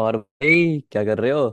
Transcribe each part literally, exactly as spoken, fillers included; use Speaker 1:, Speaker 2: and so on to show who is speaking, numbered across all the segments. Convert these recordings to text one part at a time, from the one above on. Speaker 1: और भाई क्या कर रहे हो?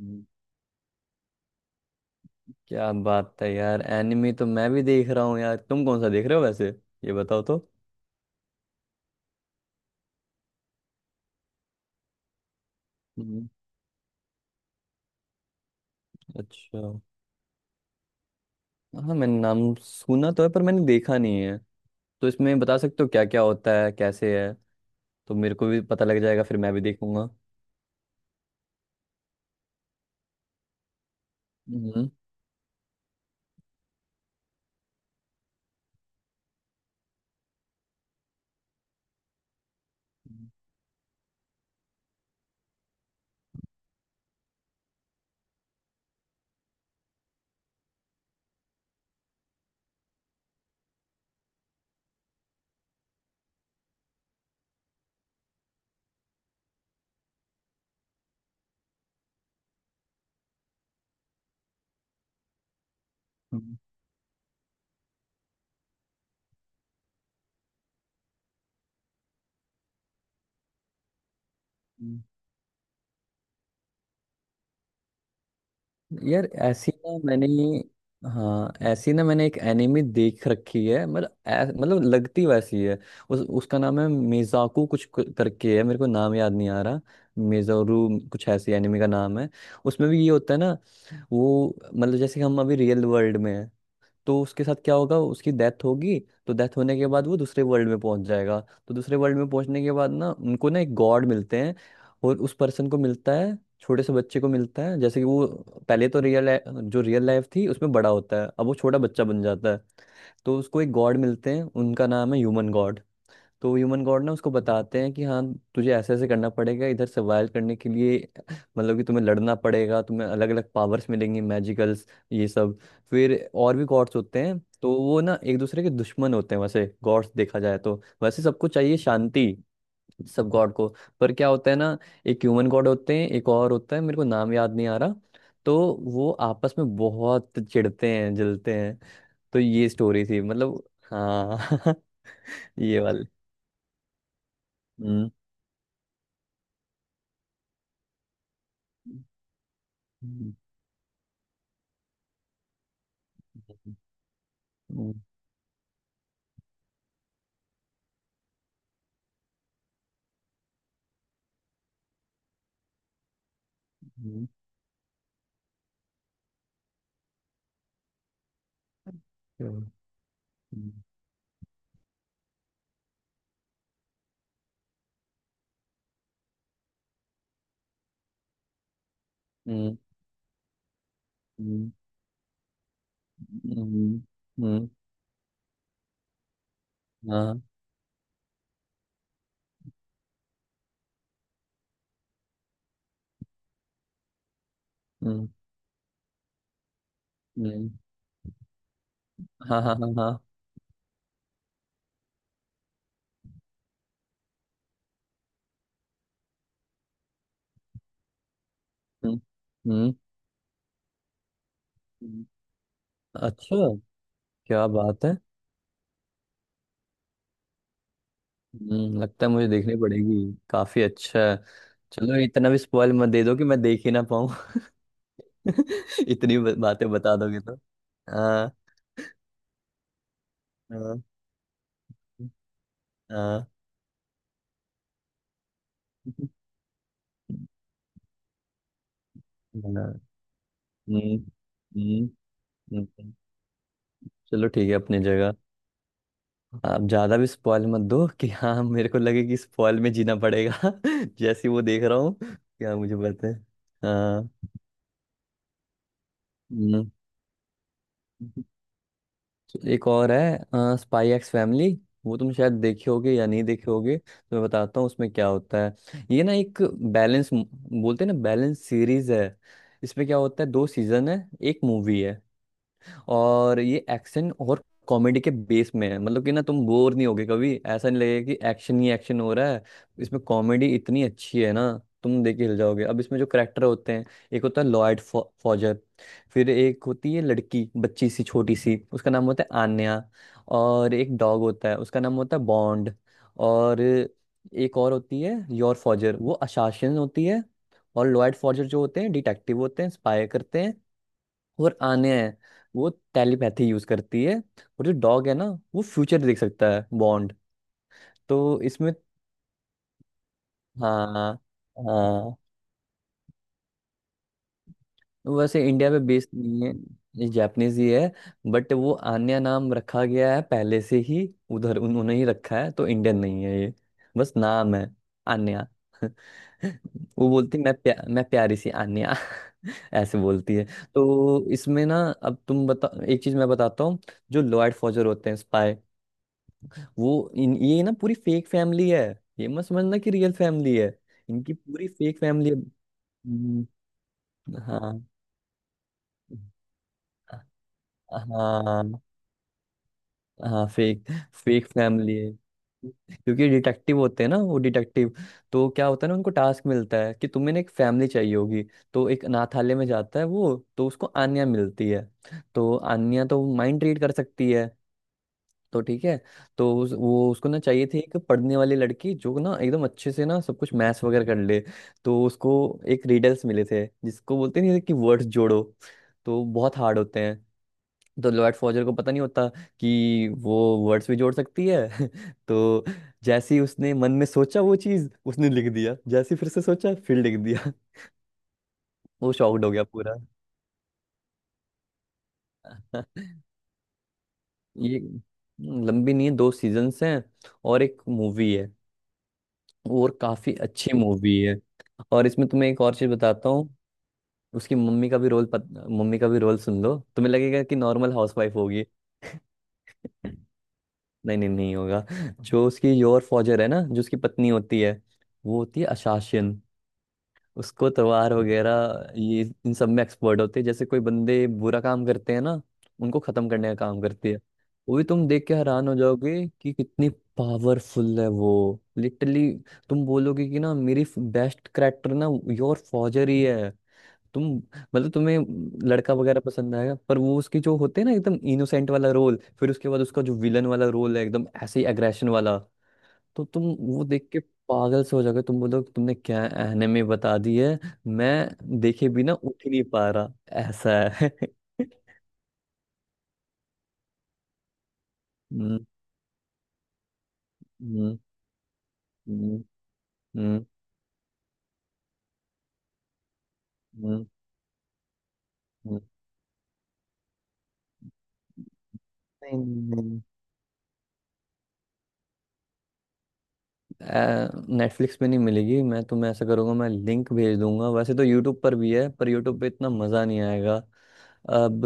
Speaker 1: हम्म। क्या बात है यार, एनिमी तो मैं भी देख रहा हूँ यार, तुम कौन सा देख रहे हो वैसे? ये बताओ तो। हम्म। अच्छा। हाँ, मैंने नाम सुना तो है पर मैंने देखा नहीं है। तो इसमें बता सकते हो क्या क्या होता है, कैसे है? तो मेरे को भी पता लग जाएगा, फिर मैं भी देखूंगा। हम्म। हम्म। हम्म। यार ऐसी ना मैंने, हाँ ऐसी ना मैंने एक एनिमी देख रखी है, मतलब ऐ- मतलब लगती वैसी है। उस उसका नाम है मेजाकू कुछ क- करके है, मेरे को नाम याद नहीं आ रहा। मेजोरू कुछ ऐसी एनिमी का नाम है। उसमें भी ये होता है ना, वो मतलब जैसे हम अभी रियल वर्ल्ड में है, तो उसके साथ क्या होगा, उसकी डेथ होगी। तो डेथ होने के बाद वो दूसरे वर्ल्ड में पहुंच जाएगा। तो दूसरे वर्ल्ड में पहुंचने के बाद ना उनको ना एक गॉड मिलते हैं। और उस पर्सन को मिलता है, छोटे से बच्चे को मिलता है। जैसे कि वो पहले तो रियल, जो रियल लाइफ थी उसमें बड़ा होता है, अब वो छोटा बच्चा बन जाता है। तो उसको एक गॉड मिलते हैं, उनका नाम है ह्यूमन गॉड। तो ह्यूमन गॉड ना उसको बताते हैं कि हाँ, तुझे ऐसे ऐसे करना पड़ेगा इधर सर्वाइव करने के लिए। मतलब कि तुम्हें लड़ना पड़ेगा, तुम्हें अलग अलग पावर्स मिलेंगी, मैजिकल्स, ये सब। फिर और भी गॉड्स होते हैं, तो वो ना एक दूसरे के दुश्मन होते हैं। वैसे गॉड्स देखा जाए तो वैसे सबको चाहिए शांति, सब गॉड को। पर क्या होता है ना, एक ह्यूमन गॉड होते हैं, एक और होता है, मेरे को नाम याद नहीं आ रहा। तो वो आपस में बहुत चिढ़ते हैं, जलते हैं। तो ये स्टोरी थी मतलब। हाँ। ये वाली। हम्म। हम्म। हम्म। हम्म। हम्म। हम्म। हम्म। हम्म। हम्म। हाँ। हम्म। हम्म। हाँ हाँ हाँ हाँ। हम्म। हम्म। हम्म। अच्छा। क्या बात है। हम्म, लगता है मुझे देखनी पड़ेगी, काफी अच्छा है। चलो, इतना भी स्पॉइल मत दे दो कि मैं देख ही ना पाऊँ। इतनी ब- बातें बता दोगे तो। हाँ हाँ हाँ हाँ। हम्म। हम्म। हम्म। चलो ठीक है अपनी जगह। आप ज्यादा भी स्पॉइल मत दो कि हाँ, मेरे को लगे कि स्पॉइल में जीना पड़ेगा। जैसे ही वो देख रहा हूँ, क्या मुझे पता है। हाँ। हम्म। तो एक और है, स्पाई एक्स फैमिली। वो तुम शायद देखे होगे या नहीं देखे होगे, तो मैं बताता हूँ उसमें क्या होता है। ये ना एक बैलेंस बोलते हैं ना, बैलेंस सीरीज है। इसमें क्या होता है, दो सीजन है, एक मूवी है। और ये एक्शन और कॉमेडी के बेस में है, मतलब कि ना तुम बोर नहीं होगे, कभी ऐसा नहीं लगेगा कि एक्शन ही एक्शन हो रहा है। इसमें कॉमेडी इतनी अच्छी है ना, तुम देख के हिल जाओगे। अब इसमें जो करेक्टर होते हैं, एक होता है लॉयड फॉ- फॉजर। फिर एक होती है लड़की, बच्ची सी छोटी सी, उसका नाम होता है आन्या। और एक डॉग होता है, उसका नाम होता है बॉन्ड। और एक और होती है योर फॉजर, वो अशासन होती है। और लॉयड फॉजर जो होते हैं, डिटेक्टिव होते हैं, स्पाई करते हैं। और आने हैं, वो टेलीपैथी यूज करती है। और जो डॉग है ना, वो फ्यूचर देख सकता है, बॉन्ड। तो इसमें, हाँ, हाँ, वैसे इंडिया में बेस्ड नहीं है, ये जापानीज ही है। बट वो आन्या नाम रखा गया है पहले से ही, उधर उन्होंने ही रखा है, तो इंडियन नहीं है ये। बस नाम है, आन्या। वो बोलती मैं प्या, मैं प्यारी सी आन्या। ऐसे बोलती है। तो इसमें ना, अब तुम बता, एक चीज मैं बताता हूँ। जो लॉयड फॉजर होते हैं, वो इन ये ना पूरी फेक फैमिली है। ये मत समझना कि रियल फैमिली है। इनकी पूरी फेक फैमिली है। हम्म। हाँ। हाँ। हाँ फेक फेक फैमिली है। क्योंकि डिटेक्टिव होते हैं ना, वो डिटेक्टिव। तो क्या होता है ना, उनको टास्क मिलता है कि तुम्हें ना एक फैमिली चाहिए होगी। तो एक अनाथालय में जाता है वो, तो उसको आन्या मिलती है। तो आन्या तो माइंड रीड कर सकती है, तो ठीक है। तो उस, वो उसको ना चाहिए थी एक पढ़ने वाली लड़की, जो ना एकदम अच्छे से ना सब कुछ मैथ्स वगैरह कर ले। तो उसको एक रिडल्स मिले थे, जिसको बोलते नहीं है कि वर्ड्स जोड़ो। तो बहुत हार्ड होते हैं। तो लॉर्ड फॉजर को पता नहीं होता कि वो वर्ड्स भी जोड़ सकती है। तो जैसे ही उसने मन में सोचा, वो चीज उसने लिख दिया, जैसे ही फिर से सोचा फिर लिख दिया। वो शॉक्ड हो गया पूरा। ये लंबी नहीं है, दो सीजन्स हैं और एक मूवी है। और काफी अच्छी मूवी है। और इसमें तुम्हें एक और चीज बताता हूँ, उसकी मम्मी का भी रोल पत, मम्मी का भी रोल सुन लो, तुम्हें लगेगा कि नॉर्मल हाउसवाइफ होगी। नहीं नहीं, नहीं होगा। जो उसकी योर फॉजर है ना, जो उसकी पत्नी होती है, वो होती है अशासिन। उसको तलवार वगैरह, ये इन सब में एक्सपर्ट होते हैं। जैसे कोई बंदे बुरा काम करते हैं ना, उनको खत्म करने का काम करती है। वो भी तुम देख के हैरान हो जाओगे कि कितनी पावरफुल है वो, लिटरली। तुम बोलोगे कि ना मेरी बेस्ट करेक्टर ना योर फौजर ही है। तुम, मतलब तुम्हें लड़का वगैरह पसंद आएगा, पर वो उसकी जो होते हैं ना एकदम इनोसेंट वाला रोल, फिर उसके बाद उसका जो विलन वाला रोल है एकदम ऐसे ही एग्रेशन वाला। तो तुम वो देख के पागल से हो जाओगे, तुम बोलोगे तुमने क्या एनिमे बता दी है। मैं देखे बिना उठ ही नहीं पा रहा, ऐसा है। हम्म। हम्म। हम्म। हम्म। हम्म। हम्म। नहीं, नहीं, नेटफ्लिक्स पे नहीं मिलेगी। मैं तुम्हें ऐसा करूँगा, मैं लिंक भेज दूंगा। वैसे तो यूट्यूब पर भी है, पर यूट्यूब पे इतना मज़ा नहीं आएगा। अब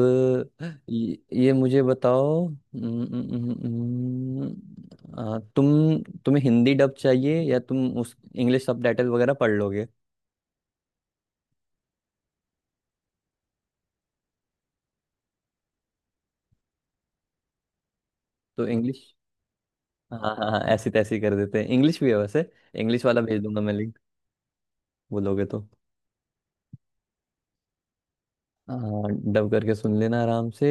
Speaker 1: ये, ये मुझे बताओ, हम्म, हम्म, हम्म, हम्म, आ, तुम, तुम्हें हिंदी डब चाहिए या तुम उस इंग्लिश सबटाइटल वगैरह पढ़ लोगे? तो इंग्लिश, हाँ हाँ हाँ, ऐसी तैसी कर देते हैं। इंग्लिश भी है वैसे, इंग्लिश वाला भेज दूंगा मैं लिंक, बोलोगे तो। हाँ, डब करके सुन लेना आराम से।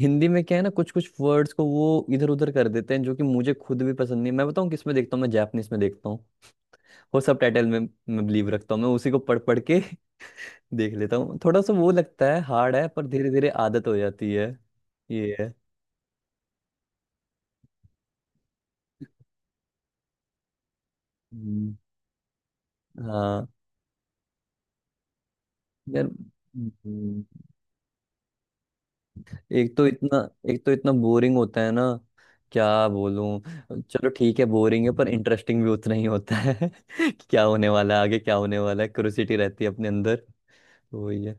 Speaker 1: हिंदी में क्या है ना, कुछ कुछ वर्ड्स को वो इधर उधर कर देते हैं, जो कि मुझे खुद भी पसंद नहीं है। मैं बताऊँ किस में देखता हूँ, मैं जापनीज में देखता हूँ। वो सब टाइटल में मैं बिलीव रखता हूँ, मैं उसी को पढ़ पढ़ के देख लेता हूँ। थोड़ा सा वो लगता है हार्ड है, पर धीरे धीरे आदत हो जाती है। ये है। हम्म। हाँ। यार। हम्म। एक तो इतना एक तो इतना बोरिंग होता है ना। क्या बोलूं, चलो ठीक है, बोरिंग है पर इंटरेस्टिंग भी उतना ही होता है कि क्या होने वाला है आगे, क्या होने वाला है, क्यूरियोसिटी रहती है अपने अंदर। तो वही है,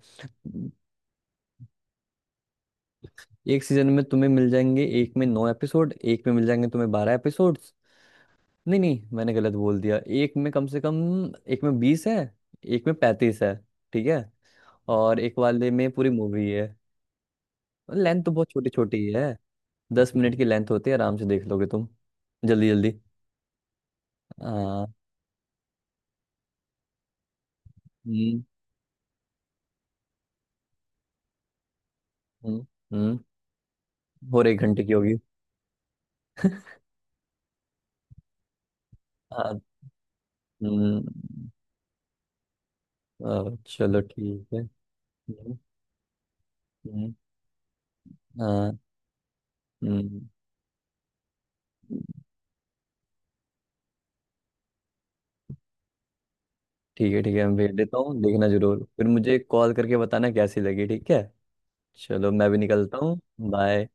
Speaker 1: एक सीजन में तुम्हें मिल जाएंगे, एक में नौ एपिसोड, एक में मिल जाएंगे तुम्हें बारह एपिसोड्स। नहीं नहीं, मैंने गलत बोल दिया। एक में कम से कम, एक में बीस है, एक में पैंतीस है, ठीक है। और एक वाले में पूरी मूवी है। लेंथ तो बहुत छोटी छोटी ही है, दस मिनट की लेंथ होती है, आराम से देख लोगे तुम जल्दी जल्दी। आ, हम्म, हम्म, हम्म, और एक घंटे की होगी। आ, हम्म, आ, चलो ठीक है। हम्म। हम्म। आ, हम्म। ठीक है ठीक है, मैं भेज देता हूँ, देखना जरूर, फिर मुझे कॉल करके बताना कैसी लगी, ठीक है। चलो मैं भी निकलता हूँ। बाय।